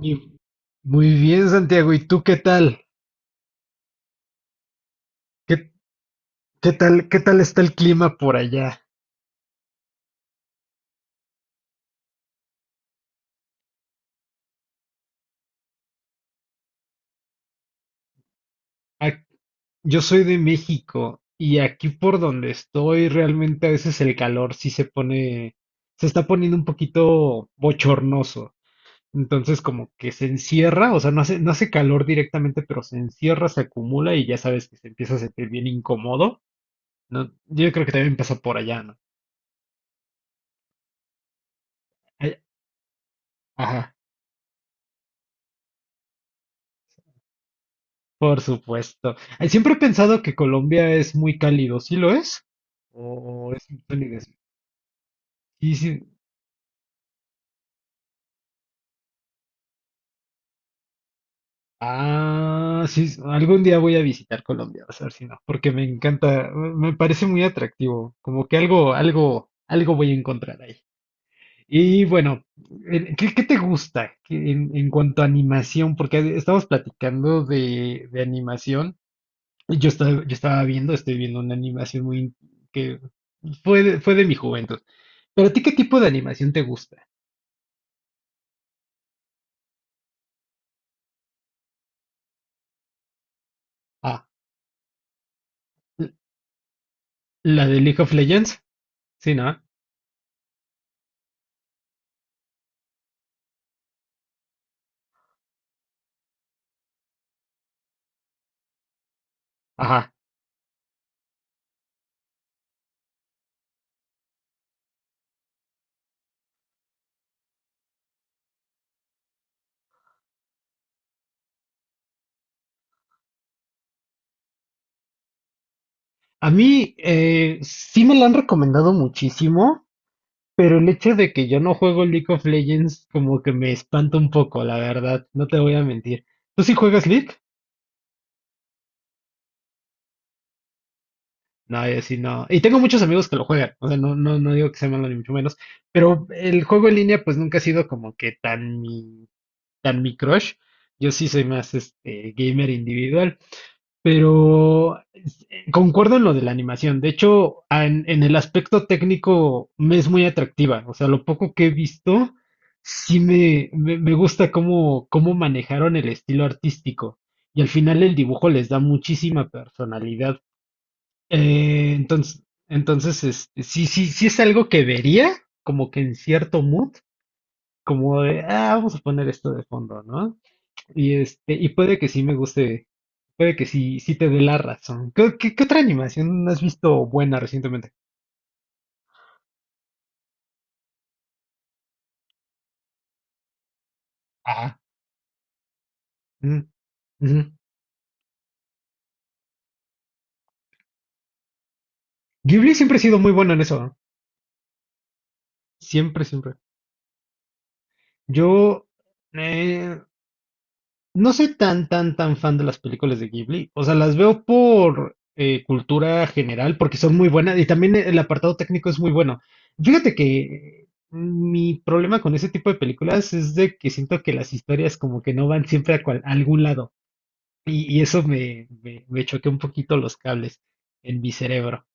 Y muy bien, Santiago. ¿Y tú qué tal? ¿Qué, qué tal está el clima por allá? Ac- Yo soy de México y aquí por donde estoy realmente a veces el calor sí se está poniendo un poquito bochornoso. Entonces como que se encierra, o sea, no hace calor directamente, pero se encierra, se acumula y ya sabes que se empieza a sentir bien incómodo, ¿no? Yo creo que también pasa por allá, ¿no? Ay, ajá. Por supuesto. Ay, siempre he pensado que Colombia es muy cálido, ¿sí lo es? ¿O es un calidez? Y sí, algún día voy a visitar Colombia, vas a ver si no, porque me encanta, me parece muy atractivo, como que algo voy a encontrar ahí. Y bueno, ¿qué te gusta que en cuanto a animación? Porque estamos platicando de animación. Estoy viendo una animación muy que fue de mi juventud. ¿Pero a ti qué tipo de animación te gusta? Ah, l- la de League of Legends. Sí, ¿no? Ajá. A mí sí me la han recomendado muchísimo, pero el hecho de que yo no juego League of Legends como que me espanta un poco, la verdad. No te voy a mentir. ¿Tú sí juegas League? No, yo sí no. Y tengo muchos amigos que lo juegan. O sea, no, no, no digo que sea malo ni mucho menos. Pero el juego en línea pues nunca ha sido como que tan mi crush. Yo sí soy más gamer individual. Pero concuerdo en lo de la animación. De hecho, en el aspecto técnico me es muy atractiva. O sea, lo poco que he visto, sí me gusta cómo manejaron el estilo artístico. Y al final el dibujo les da muchísima personalidad. Entonces sí, sí, sí es algo que vería, como que en cierto mood, como de, vamos a poner esto de fondo, ¿no? Y puede que sí me guste, puede que sí te dé la razón. ¿Qué otra animación has visto buena recientemente? Ah, mm, ujú. Ghibli siempre ha sido muy bueno en eso, ¿no? Siempre, siempre. Yo eh, no soy tan, tan, tan fan de las películas de Ghibli. O sea, las veo por cultura general, porque son muy buenas y también el apartado técnico es muy bueno. Fíjate que mi problema con ese tipo de películas es de que siento que las historias como que no van siempre a a algún lado. Y eso me choqueó un poquito los cables en mi cerebro.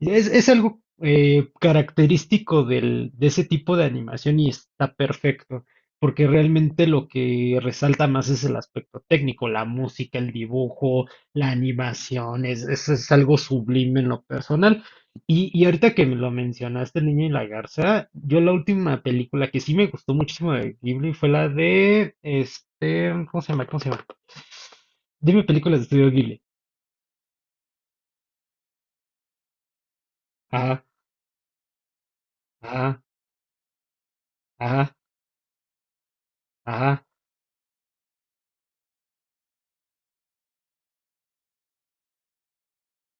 Es algo característico de ese tipo de animación y está perfecto, porque realmente lo que resalta más es el aspecto técnico, la música, el dibujo, la animación, es algo sublime en lo personal. Y ahorita que me lo mencionaste, El niño y la garza, yo la última película que sí me gustó muchísimo de Ghibli fue la de, ¿cómo se llama? ¿Cómo se llama? Dime películas de estudio Ghibli. Ajá, ajá, ajá, ajá.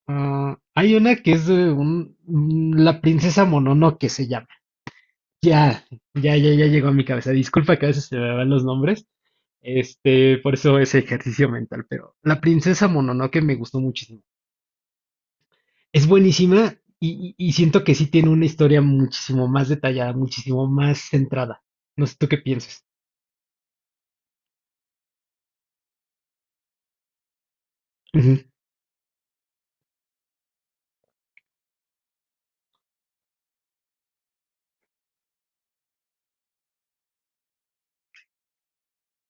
Ah, hay una que es la princesa Mononoke se llama. Ya, ya, ya, ya llegó a mi cabeza. Disculpa que a veces se me van los nombres. Por eso ese ejercicio mental, pero la princesa Mononoke me gustó muchísimo. Es buenísima y siento que sí tiene una historia muchísimo más detallada, muchísimo más centrada. No sé tú qué piensas. Ujú,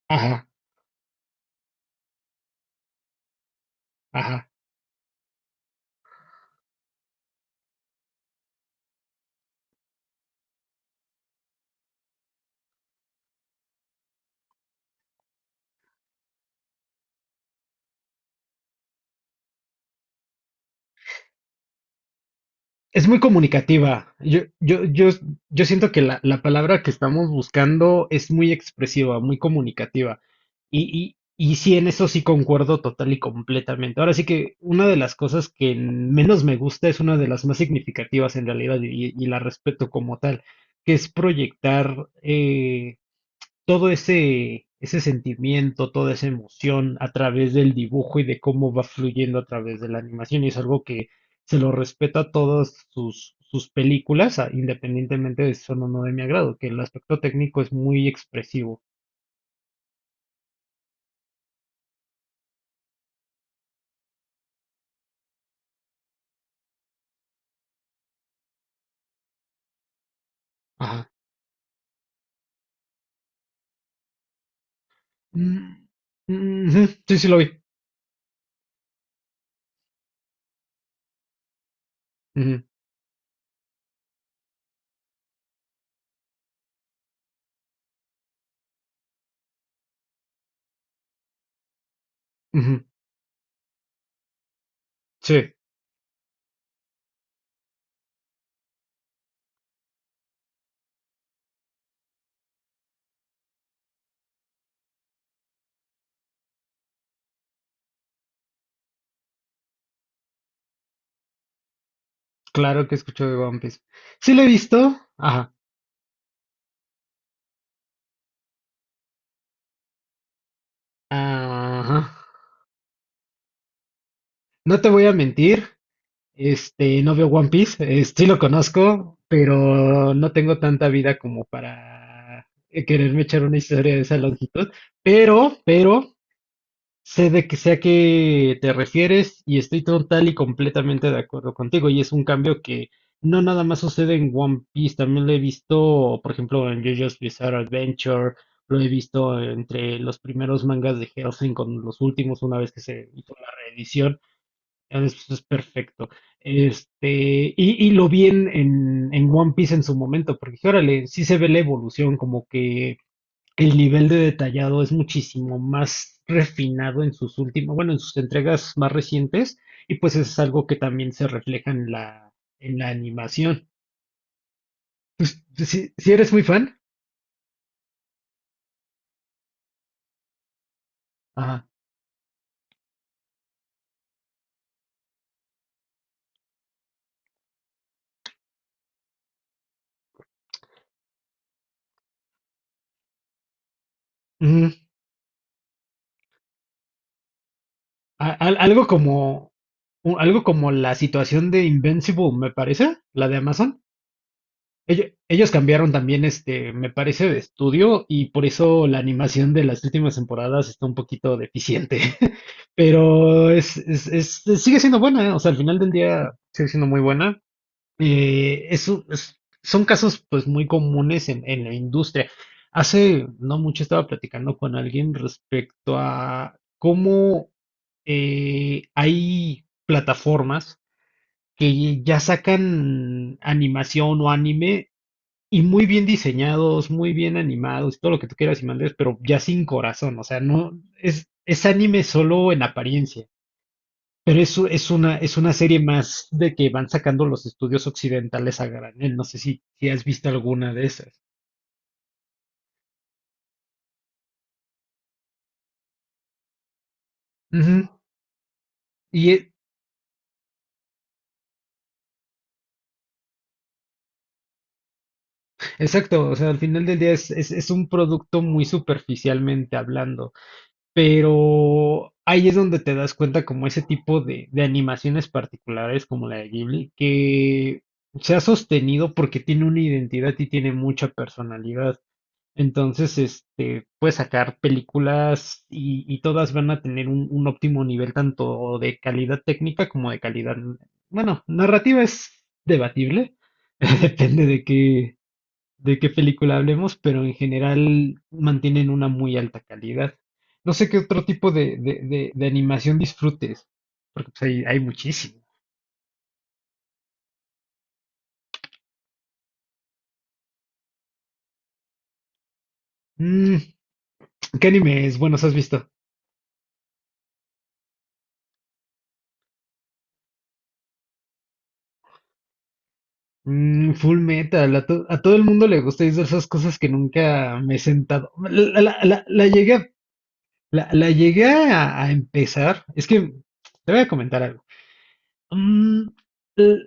ajá, ajá. Es muy comunicativa. Yo siento que la palabra que estamos buscando es muy expresiva, muy comunicativa. Y sí, en eso sí concuerdo total y completamente. Ahora sí que una de las cosas que menos me gusta es una de las más significativas en realidad y la respeto como tal, que es proyectar todo ese sentimiento, toda esa emoción a través del dibujo y de cómo va fluyendo a través de la animación. Y es algo que se lo respeta a todas sus películas, independientemente de si son o no de mi agrado, que el aspecto técnico es muy expresivo. Ajá. Mm, ujú, sí, sí lo vi. Ujú, ujú, sí, claro que escucho de One Piece. Sí lo he visto. Ajá. Ajá. No te voy a mentir. No veo One Piece, sí lo conozco, pero no tengo tanta vida como para quererme echar una historia de esa longitud. Pero, sé de que sé a qué te refieres y estoy total y completamente de acuerdo contigo. Y es un cambio que no nada más sucede en One Piece, también lo he visto, por ejemplo, en JoJo's Bizarre Adventure, lo he visto entre los primeros mangas de Hellsing con los últimos, una vez que se hizo la reedición. Eso es perfecto. Y lo vi en One Piece en su momento, porque dije, órale, sí se ve la evolución, como que el nivel de detallado es muchísimo más refinado bueno, en sus entregas más recientes, y pues es algo que también se refleja en la animación. Pues, si eres muy fan, ajá. Ujú. A- al- algo como, algo como la situación de Invincible, me parece, la de Amazon. Ellos cambiaron también, me parece, de estudio y por eso la animación de las últimas temporadas está un poquito deficiente. Pero sigue siendo buena, ¿eh? O sea, al final del día sigue siendo muy buena. Son casos pues muy comunes en la industria. Hace no mucho estaba platicando con alguien respecto a cómo hay plataformas que ya sacan animación o anime y muy bien diseñados, muy bien animados, todo lo que tú quieras y mandes, pero ya sin corazón, o sea, no es, es anime solo en apariencia, pero es una serie más de que van sacando los estudios occidentales a granel, no sé si has visto alguna de esas. Ujú. Y exacto, o sea, al final del día es un producto muy superficialmente hablando. Pero ahí es donde te das cuenta como ese tipo de animaciones particulares como la de Ghibli, que se ha sostenido porque tiene una identidad y tiene mucha personalidad. Entonces, puedes sacar películas y todas van a tener un óptimo nivel tanto de calidad técnica como de calidad, bueno, narrativa es debatible, depende de qué, película hablemos, pero en general mantienen una muy alta calidad. No sé qué otro tipo de animación disfrutes, porque pues, hay muchísimo. Mm, ¿Qué animes buenos has visto? Full Metal, a todo el mundo le gusta y es de esas cosas que nunca me he sentado. La- la- la llegué, a- la llegué a empezar, es que te voy a comentar algo. Mm, l-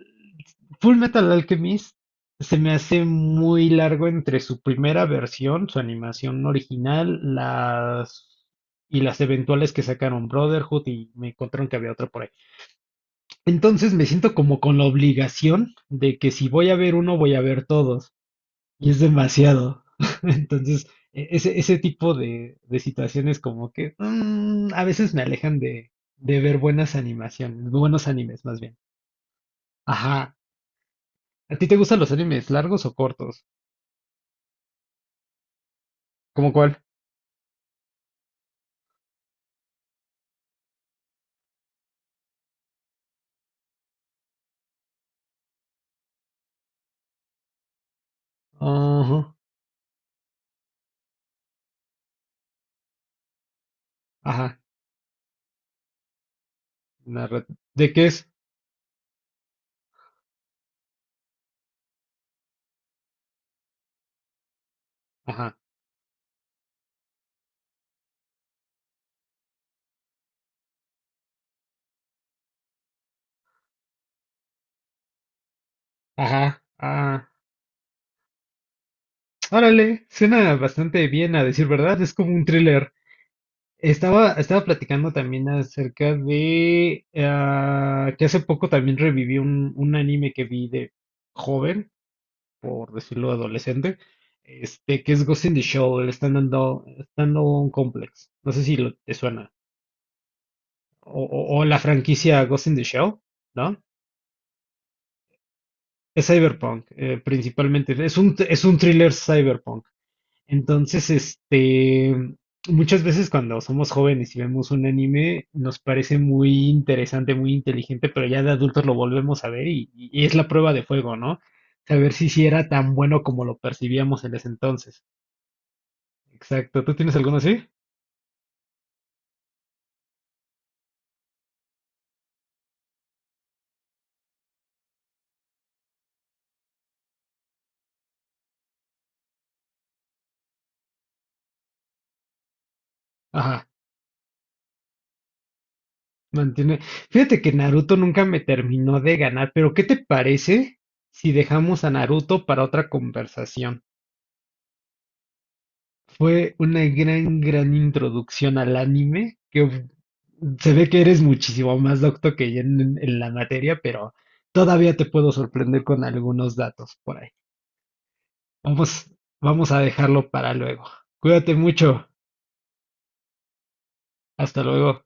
Full Metal Alchemist se me hace muy largo entre su primera versión, su animación original, las y las eventuales que sacaron Brotherhood y me encontraron que había otra por ahí. Entonces me siento como con la obligación de que si voy a ver uno, voy a ver todos. Y es demasiado. Entonces, ese tipo de situaciones como que a veces me alejan de ver buenas animaciones, buenos animes más bien. Ajá. ¿A ti te gustan los animes largos o cortos? ¿Cómo cuál? Ajá, ajá. narra- ¿De qué es? Ajá, ajá, ah. Órale, suena bastante bien a decir verdad, es como un thriller. Estaba platicando también acerca de que hace poco también reviví un anime que vi de joven, por decirlo adolescente, que es Ghost in the Shell, el Stand-Alone Complex. No sé si te suena. O la franquicia Ghost in the Shell. ¿No? Es cyberpunk, principalmente. Es un thriller cyberpunk. Entonces, muchas veces cuando somos jóvenes y vemos un anime, nos parece muy interesante, muy inteligente, pero ya de adultos lo volvemos a ver y es la prueba de fuego, ¿no? Saber si sí era tan bueno como lo percibíamos en ese entonces. Exacto. ¿Tú tienes alguno así? Ajá, mantiene. Fíjate que Naruto nunca me terminó de ganar, pero ¿qué te parece si dejamos a Naruto para otra conversación? Fue una gran, gran introducción al anime, que uf, se ve que eres muchísimo más docto que yo en la materia, pero todavía te puedo sorprender con algunos datos por ahí. Vamos, vamos a dejarlo para luego. Cuídate mucho. Hasta luego.